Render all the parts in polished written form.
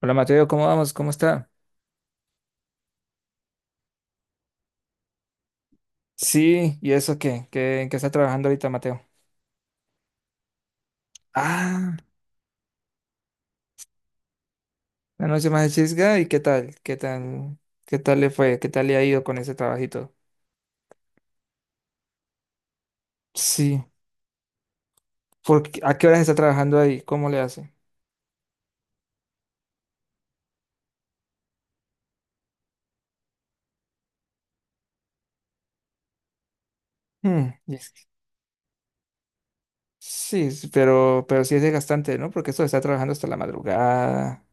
Hola Mateo, ¿cómo vamos? ¿Cómo está? Sí, ¿y eso qué? ¿Qué, en qué está trabajando ahorita Mateo? Ah, la noche más de chisga, ¿y qué tal? ¿Qué tal? ¿Qué tal le fue? ¿Qué tal le ha ido con ese trabajito? Sí, ¿por qué- ¿a qué horas está trabajando ahí? ¿Cómo le hace? Hmm, y es que- Sí, sí, pero sí es desgastante, ¿no? Porque esto está trabajando hasta la madrugada.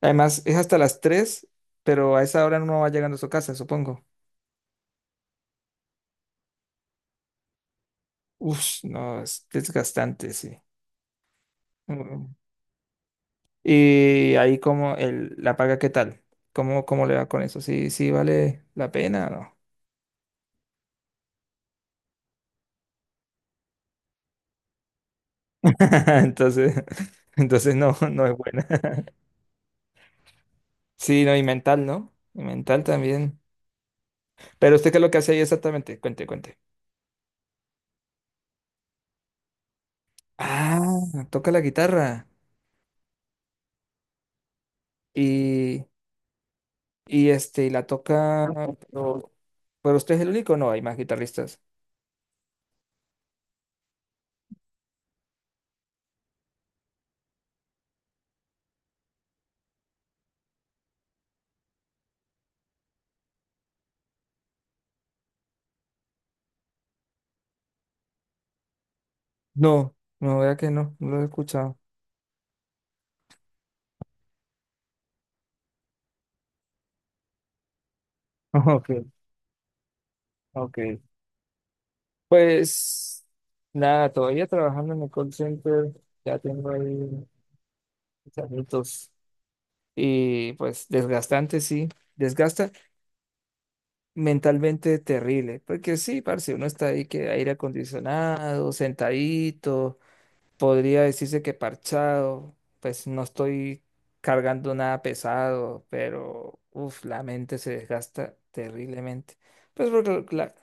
Además, es hasta las 3, pero a esa hora no va llegando a su casa, supongo. Uf, no, es desgastante, sí. Y ahí como el, la paga, ¿qué tal? ¿Cómo, cómo le va con eso? ¿Sí, sí vale la pena o no? Entonces, entonces no, no es buena. Sí, no, y mental, ¿no? Y mental también. Pero usted qué es lo que hace ahí exactamente, cuente, cuente. Ah, toca la guitarra. Y, y y la toca, pero, pero usted es el único, no, hay más guitarristas. No, no, vea que no, no lo he escuchado. Ok, ok. Pues nada, todavía trabajando en el call center, ya tengo ahí mis añitos y pues desgastante, sí, desgasta mentalmente terrible, porque sí, parce, uno está ahí que aire acondicionado, sentadito, podría decirse que parchado, pues no estoy cargando nada pesado, pero la mente se desgasta terriblemente. Pues porque la,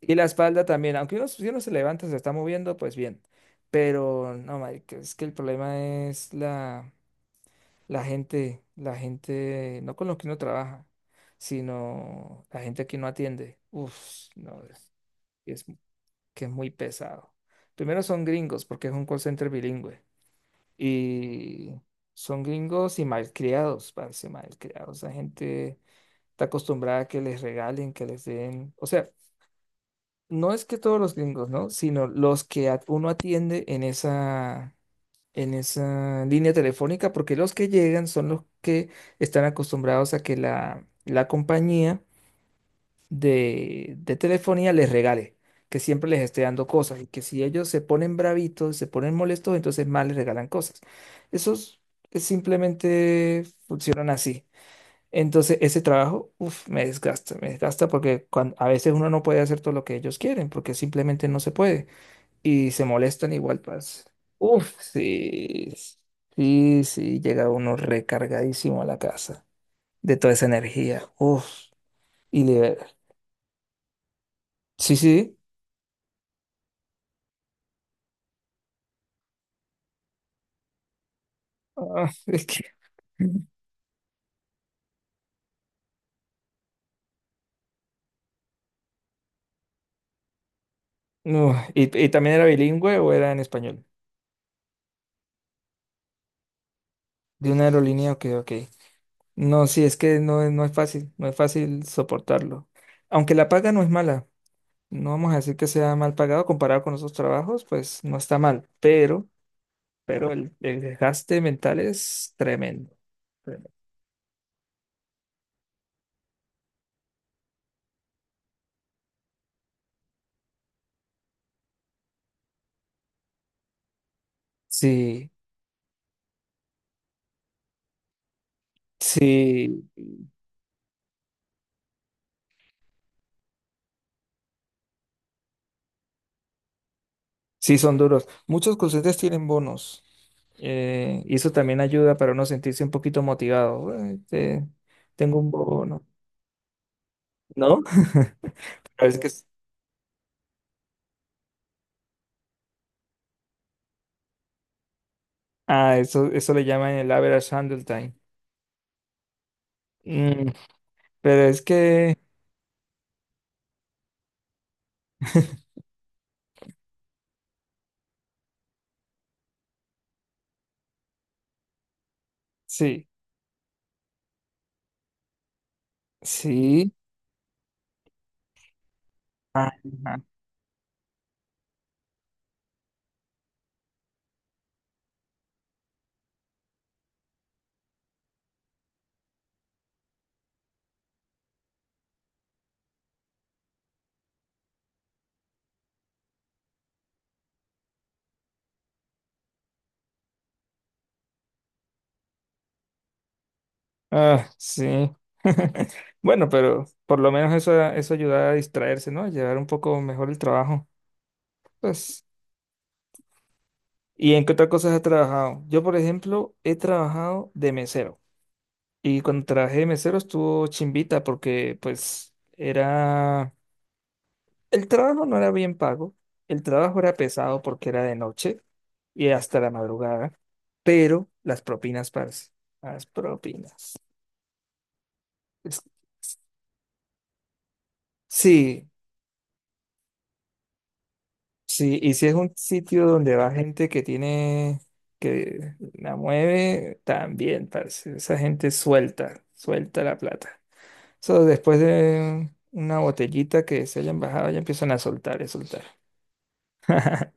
y la espalda también, aunque uno, si uno se levanta, se está moviendo, pues bien. Pero no, marica, es que el problema es la, la gente, no con lo que uno trabaja, sino la gente que uno atiende. Uf, no, es que es muy pesado. Primero son gringos, porque es un call center bilingüe. Y son gringos y malcriados, parece malcriados. La gente está acostumbrada a que les regalen, que les den. O sea, no es que todos los gringos, ¿no? Sino los que at- uno atiende en esa línea telefónica, porque los que llegan son los que están acostumbrados a que la compañía de telefonía les regale, que siempre les esté dando cosas y que si ellos se ponen bravitos, se ponen molestos, entonces más les regalan cosas. Esos simplemente funcionan así. Entonces, ese trabajo, uf, me desgasta porque cuan- a veces uno no puede hacer todo lo que ellos quieren porque simplemente no se puede y se molestan igual, parce. Uf, sí, sí, sí, llega uno recargadísimo a la casa de toda esa energía, uf, y libera. Sí, sí, ah, es que, no, y también era bilingüe o era en español, de una aerolínea, ok, ok. No, sí, es que no, es- no es fácil, no es fácil soportarlo. Aunque la paga no es mala. No vamos a decir que sea mal pagado comparado con otros trabajos, pues no está mal, pero el desgaste mental es tremendo. Tremendo. Sí, sí, sí son duros. Muchos docentes tienen bonos. Y eso también ayuda para uno sentirse un poquito motivado. Bueno, este, tengo un bono, ¿no? Pero es que es- ah, eso le llaman el average handle time. Mm, pero es que sí, sí. Ajá. Ah, sí. Bueno, pero por lo menos eso, eso ayuda a distraerse, ¿no? A llevar un poco mejor el trabajo. Pues, ¿y en qué otras cosas has trabajado? Yo, por ejemplo, he trabajado de mesero. Y cuando trabajé de mesero estuvo chimbita porque, pues, era... El trabajo no era bien pago. El trabajo era pesado porque era de noche y hasta la madrugada. Pero las propinas, parce. Las propinas. Es- Sí, sí, y si es un sitio donde va gente que tiene, que la mueve, también, parce. Esa gente suelta, suelta la plata. So, después de una botellita que se hayan bajado, ya empiezan a soltar, a soltar.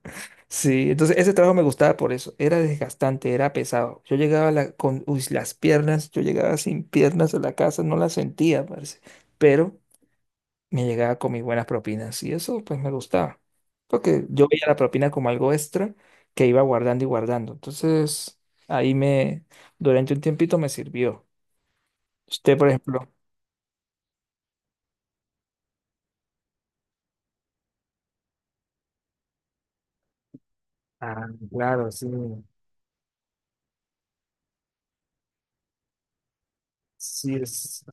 Sí, entonces ese trabajo me gustaba por eso. Era desgastante, era pesado. Yo llegaba a la- con uy, las piernas, yo llegaba sin piernas a la casa, no las sentía, parce. Pero me llegaba con mis buenas propinas y eso pues me gustaba, porque yo veía la propina como algo extra que iba guardando y guardando. Entonces, ahí me, durante un tiempito me sirvió. Usted, por ejemplo, ah, claro, sí. Sí, es.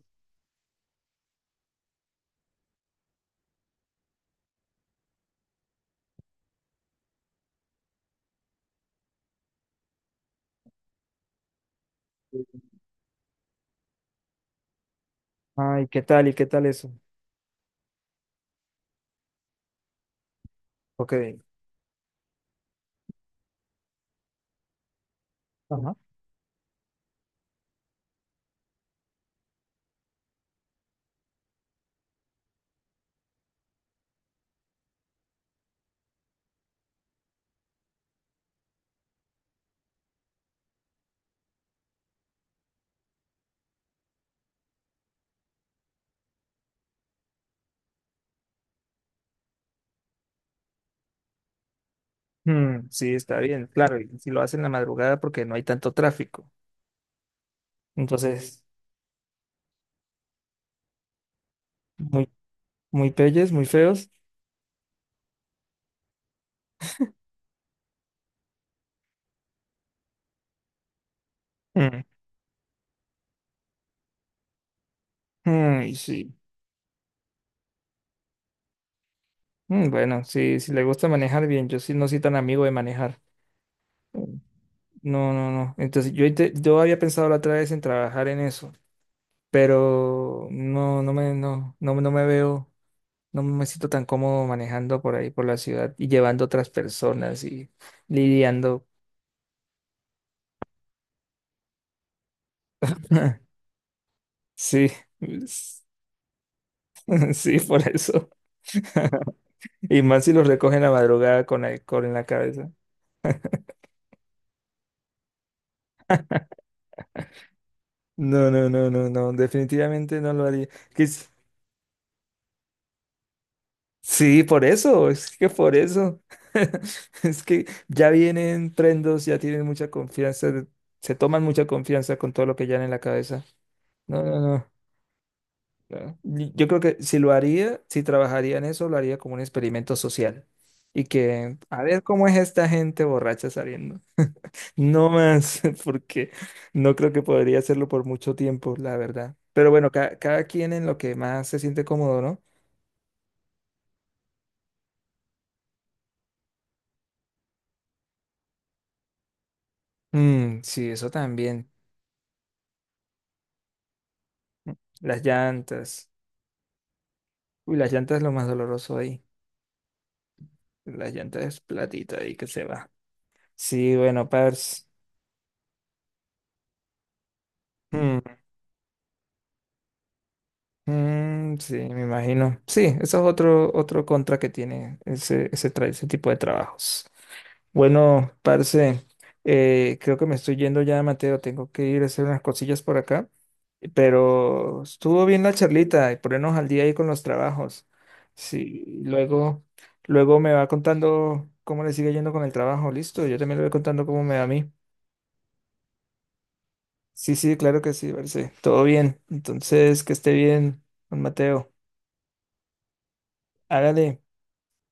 Ay, ¿qué tal y qué tal eso? Ok. Ajá. Mm, sí, está bien, claro, y si lo hacen en la madrugada porque no hay tanto tráfico. Entonces, muy, muy peyes, muy feos. Mm, mm, sí. Mm, bueno, si, si le gusta manejar bien, yo sí no soy tan amigo de manejar. Mm. No, no, no. Entonces yo, inte- yo había pensado la otra vez en trabajar en eso, pero no, no, no, no me veo, no me siento tan cómodo manejando por ahí, por la ciudad y llevando otras personas y lidiando. Sí, es- sí, por eso. Y más si los recogen a madrugada con alcohol en la cabeza. No, no, no, no, no, definitivamente no lo haría. Sí, por eso, es que por eso. Es que ya vienen prendos, ya tienen mucha confianza, de- se toman mucha confianza con todo lo que llevan en la cabeza. No, no, no. No. Y yo creo que si lo haría, si trabajaría en eso, lo haría como un experimento social. Y que, a ver cómo es esta gente borracha saliendo. No más, porque no creo que podría hacerlo por mucho tiempo, la verdad. Pero bueno, ca- cada quien en lo que más se siente cómodo, ¿no? Mm, sí, eso también. Las llantas. Uy, las llantas es lo más doloroso ahí. Las llantas es platita ahí que se va. Sí, bueno, Pers. Mm, mm, sí, me imagino. Sí, eso es otro, otro contra que tiene ese, ese, tra- ese tipo de trabajos. Bueno, parce, creo que me estoy yendo ya, Mateo. Tengo que ir a hacer unas cosillas por acá. Pero estuvo bien la charlita y ponernos al día ahí con los trabajos. Sí, luego, luego me va contando cómo le sigue yendo con el trabajo. Listo, yo también le voy contando cómo me va a mí. Sí, sí, claro que sí, parce. Todo bien. Entonces, que esté bien, don Mateo. Hágale.